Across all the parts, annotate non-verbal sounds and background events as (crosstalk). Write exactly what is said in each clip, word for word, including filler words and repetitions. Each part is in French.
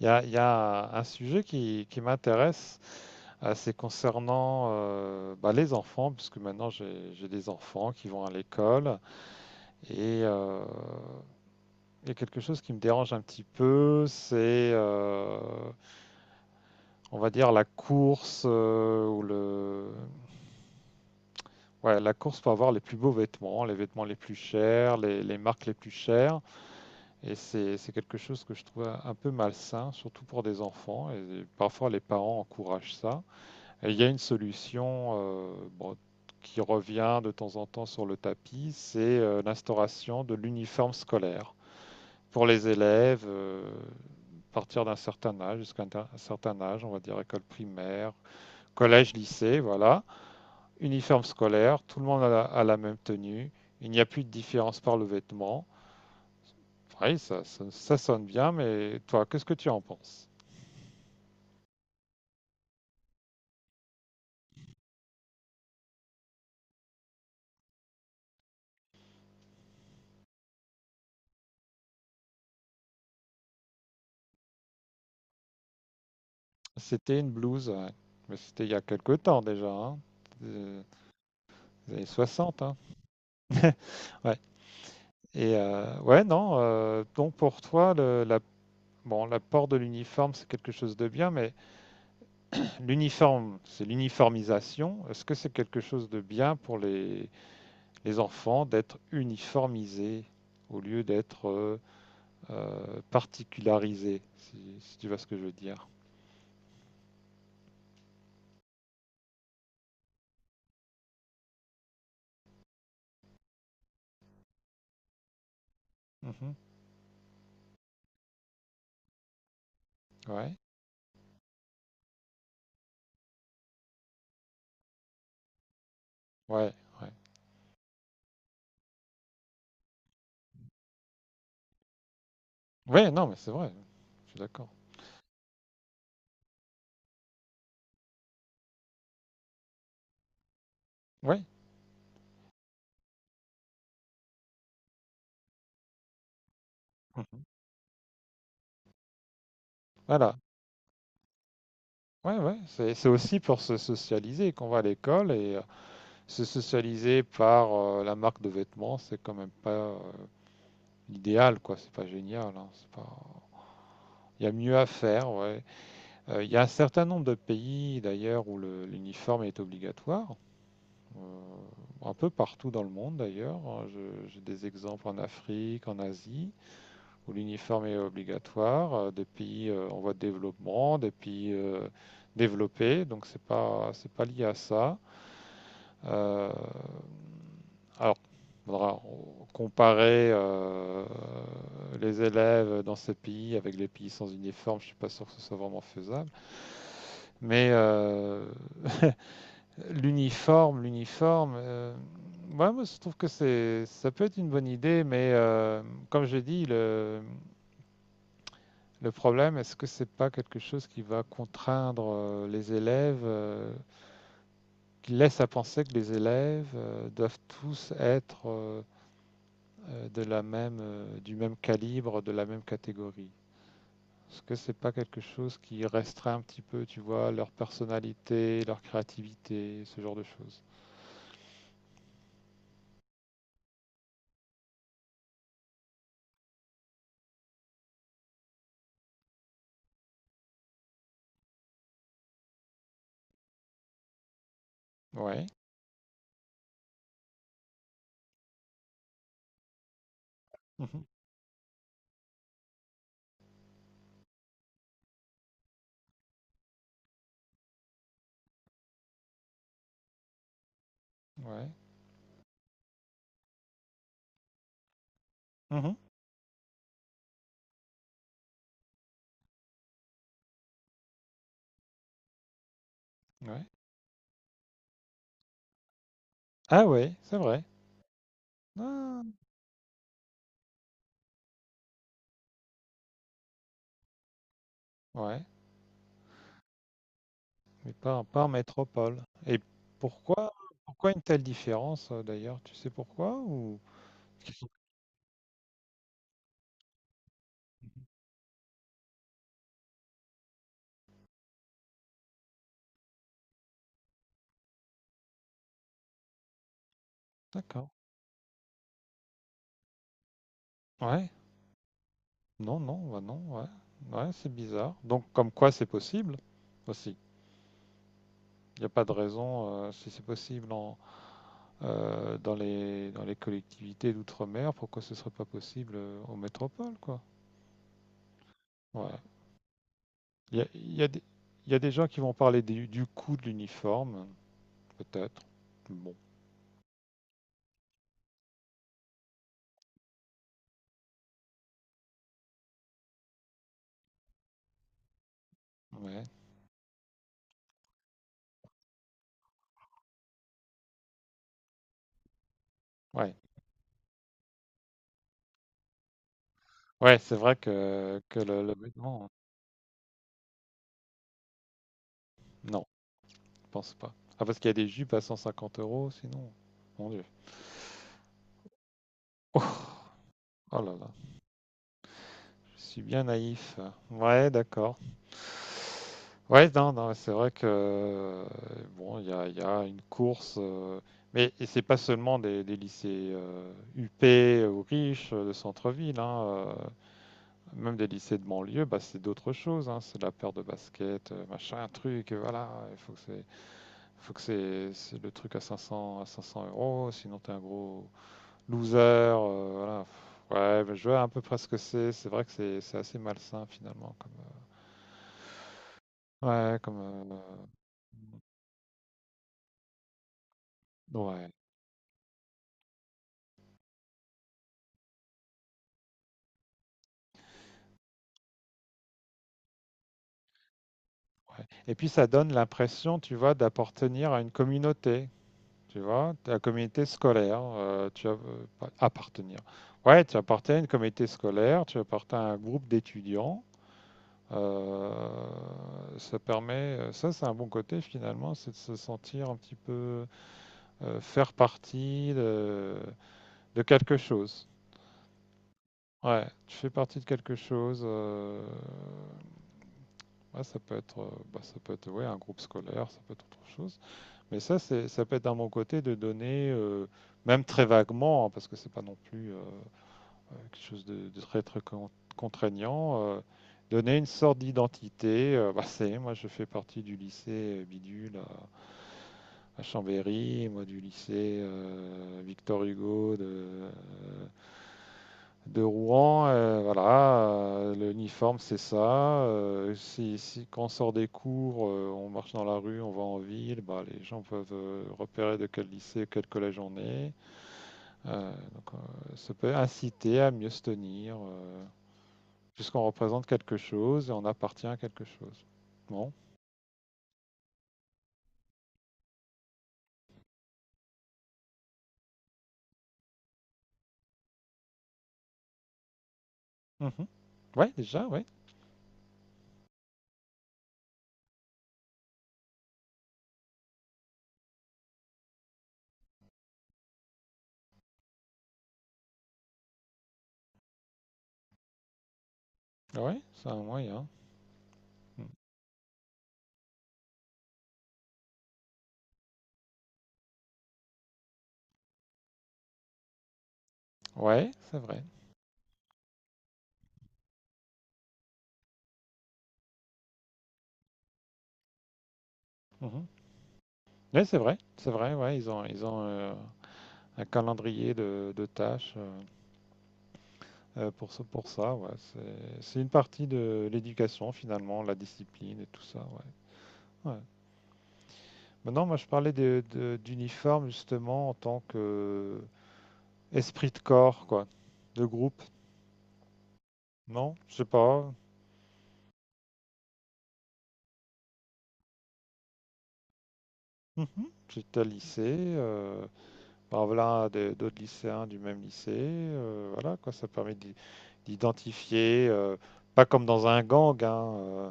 Il y a, il y a un sujet qui, qui m'intéresse, euh, c'est concernant, euh, bah, les enfants, puisque maintenant j'ai j'ai des enfants qui vont à l'école. Et euh, il y a quelque chose qui me dérange un petit peu, c'est, euh, on va dire, la course, euh, ou le... ouais, la course pour avoir les plus beaux vêtements, les vêtements les plus chers, les, les marques les plus chères. Et c'est c'est quelque chose que je trouve un un peu malsain, surtout pour des enfants. Et parfois les parents encouragent ça. Et il y a une solution, euh, bon, qui revient de temps en temps sur le tapis, c'est, euh, l'instauration de l'uniforme scolaire pour les élèves, euh, à partir d'un certain âge, jusqu'à un un certain âge, on va dire école primaire, collège, lycée, voilà. Uniforme scolaire, tout le monde a la, a la même tenue, il n'y a plus de différence par le vêtement. Oui, ça, ça- ça sonne bien, mais toi, qu'est-ce que tu en penses? C'était une blouse, hein, mais c'était il y a quelque temps déjà, hein, des des années soixante. (laughs) Ouais. Et euh, ouais, non. euh, donc pour toi, le, la, bon, l'apport de l'uniforme, c'est quelque chose de bien, mais l'uniforme, c'est l'uniformisation. Est-ce que c'est quelque chose de bien pour les, les enfants d'être uniformisés au lieu d'être, euh, euh, particularisés, si, si tu vois ce que je veux dire? Mhm. Ouais, ouais, ouais. Ouais, non, mais c'est vrai. Je suis d'accord. Ouais. Mhm. Voilà. Ouais, ouais. C'est, c'est aussi pour se socialiser qu'on va à l'école et, euh, se socialiser par, euh, la marque de vêtements, c'est quand même pas, euh, l'idéal, quoi. C'est pas génial, hein, c'est pas... il y a mieux à faire, ouais. Euh, il y a un certain nombre de pays, d'ailleurs, où le- l'uniforme est obligatoire. Euh, un peu partout dans le monde, d'ailleurs, hein. Je- J'ai des exemples en Afrique, en Asie, où l'uniforme est obligatoire. euh, des pays, euh, en voie de développement, des pays, euh, développés. Donc, c'est pas, c'est pas lié à ça. Euh, alors, il faudra comparer, euh, les élèves dans ces pays avec les pays sans uniforme. Je ne suis pas sûr que ce soit vraiment faisable. Mais, euh, (laughs) l'uniforme, l'uniforme, euh, ouais, moi je trouve que c'est, ça peut être une bonne idée, mais, euh, comme je dis, le, le problème, est-ce que c'est pas quelque chose qui va contraindre, euh, les élèves, euh, qui laisse à penser que les élèves, euh, doivent tous être, euh, euh, de la même, euh, du même calibre, de la même catégorie. Est-ce que c'est pas quelque chose qui restreint un petit peu, tu vois, leur personnalité, leur créativité, ce genre de choses? Ouais, mhm, ouais, mhm, ouais. Ah ouais, c'est vrai. Ah, ouais, mais pas, pas en métropole. Et pourquoi, pourquoi une telle différence, euh, d'ailleurs? Tu sais pourquoi ou... (laughs) d'accord. Ouais. Non, non, bah non, ouais. Ouais, c'est bizarre. Donc, comme quoi c'est possible aussi. Il n'y a pas de raison, euh, si c'est possible en, euh, dans les, dans les collectivités d'outre-mer, pourquoi ce ne serait pas possible, euh, en métropole, quoi. Ouais. Il y a, il y a des, il y a des gens qui vont parler du, du coût de l'uniforme, peut-être. Bon, ouais. Ouais, ouais, c'est vrai que, que le, le vêtement. Non, je pense pas. Ah, parce qu'il y a des jupes à cent cinquante euros, sinon. Mon Dieu. Oh, oh là là. Je suis bien naïf. Ouais, d'accord. Ouais, non, non, c'est vrai que, euh, bon, il y a, il y a une course, euh, mais et c'est pas seulement des, des lycées, euh, huppés ou riches, euh, de centre-ville, hein, euh, même des lycées de banlieue, bah, c'est d'autres choses, hein, c'est de la paire de basket, euh, machin, truc, euh, voilà, il faut que c'est, faut que c'est, c'est le truc à cinq cents, à cinq cents euros, sinon t'es un gros, Loser, euh, voilà. Ouais, bah, je vois à peu près ce que c'est. C'est vrai que c'est c'est assez malsain finalement. Comme, euh, ouais, comme, euh, ouais, ouais. Et puis ça donne l'impression, tu vois, d'appartenir à une communauté, tu vois, à la communauté scolaire, euh, tu as, euh, pas- appartenir. Ouais, tu appartiens à une communauté scolaire, tu appartiens à un groupe d'étudiants, euh, ça permet, euh, ça c'est un bon côté finalement, c'est de se sentir un petit peu, euh, faire partie de de quelque chose. Ouais, tu fais partie de quelque chose, euh, ouais, ça peut être, euh, bah, ça peut être ouais, un groupe scolaire, ça peut être autre chose. Mais ça, c'est, ça peut être d'un bon côté de donner, euh, même très vaguement, hein, parce que c'est pas non plus, euh, euh, quelque chose de, de très très con- contraignant, euh, donner une sorte d'identité, euh, bah, (laughs) c'est, moi je fais partie du lycée, euh, Bidule à, à Chambéry, moi du lycée, euh, Victor Hugo de, euh, de Rouen, euh, voilà, euh, l'uniforme c'est ça. euh, si, si- quand on sort des cours, euh, on marche dans la rue, on va en ville, bah, les gens peuvent, euh, repérer de quel lycée, quel collège on est. Euh, donc, euh, ça peut inciter à mieux se tenir, euh, puisqu'on représente quelque chose et on appartient à quelque chose. Bon. Mhm. Ouais, déjà, ouais. Ouais, c'est un moyen. Mm. Ouais, c'est vrai. Mhm. Ouais, c'est vrai. C'est vrai, ouais, ils ont, ils ont euh, un calendrier de, de tâches, euh, euh, pour ça, pour ça, ouais. C'est, c'est une partie de l'éducation, finalement, la discipline et tout ça, ouais. Ouais. Maintenant, moi, je parlais de, de- d'uniforme, justement, en tant que esprit de corps, quoi, de groupe. Non, je sais pas. Mhm. J'étais à lycée, euh, bah, voilà, des- d'autres lycéens du même lycée, euh, voilà, quoi, ça permet d'i- d'identifier, euh, pas comme dans un gang, hein, euh,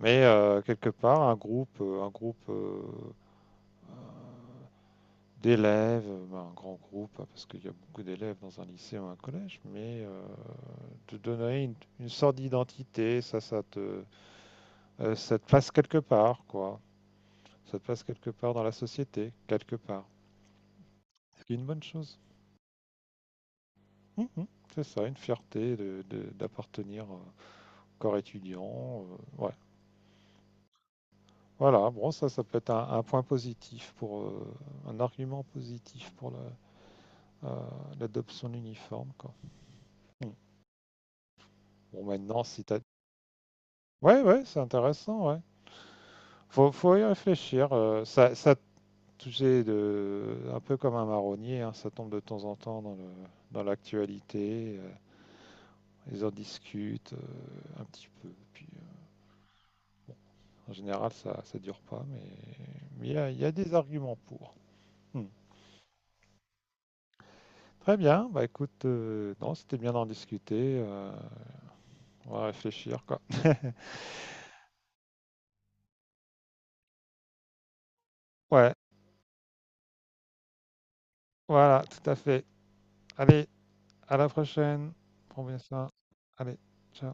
mais, euh, quelque part un groupe, euh, un groupe, euh, d'élèves, euh, bah, un grand groupe, hein, parce qu'il y a beaucoup d'élèves dans un lycée ou un collège, mais, euh, te donner une, une sorte d'identité, ça, ça te, euh, ça te place quelque part, quoi. Ça te passe quelque part dans la société, quelque part. Ce qui est une bonne chose. Mhm. C'est ça, une fierté de- de- d'appartenir, euh, au corps étudiant, euh, ouais. Voilà, bon, ça, ça peut être un, un point positif pour, euh, un argument positif pour la- euh, l'adoption de l'uniforme, quoi. Mm. Bon, maintenant, si t'as. Ouais, ouais, c'est intéressant, ouais. Faut, faut y réfléchir, euh, ça, ça tu sais, de, un peu comme un marronnier, hein, ça tombe de temps en temps dans le, dans l'actualité, euh, ils en discutent, euh, un petit peu. Puis, euh, en général, ça ne dure pas, mais il y, a- il y a des arguments pour. Hmm. Très bien, bah écoute, euh, non, c'était bien d'en discuter, euh, on va réfléchir, quoi. Ouais, voilà, tout à fait. Allez, à la prochaine. Prends bien ça. Allez, ciao.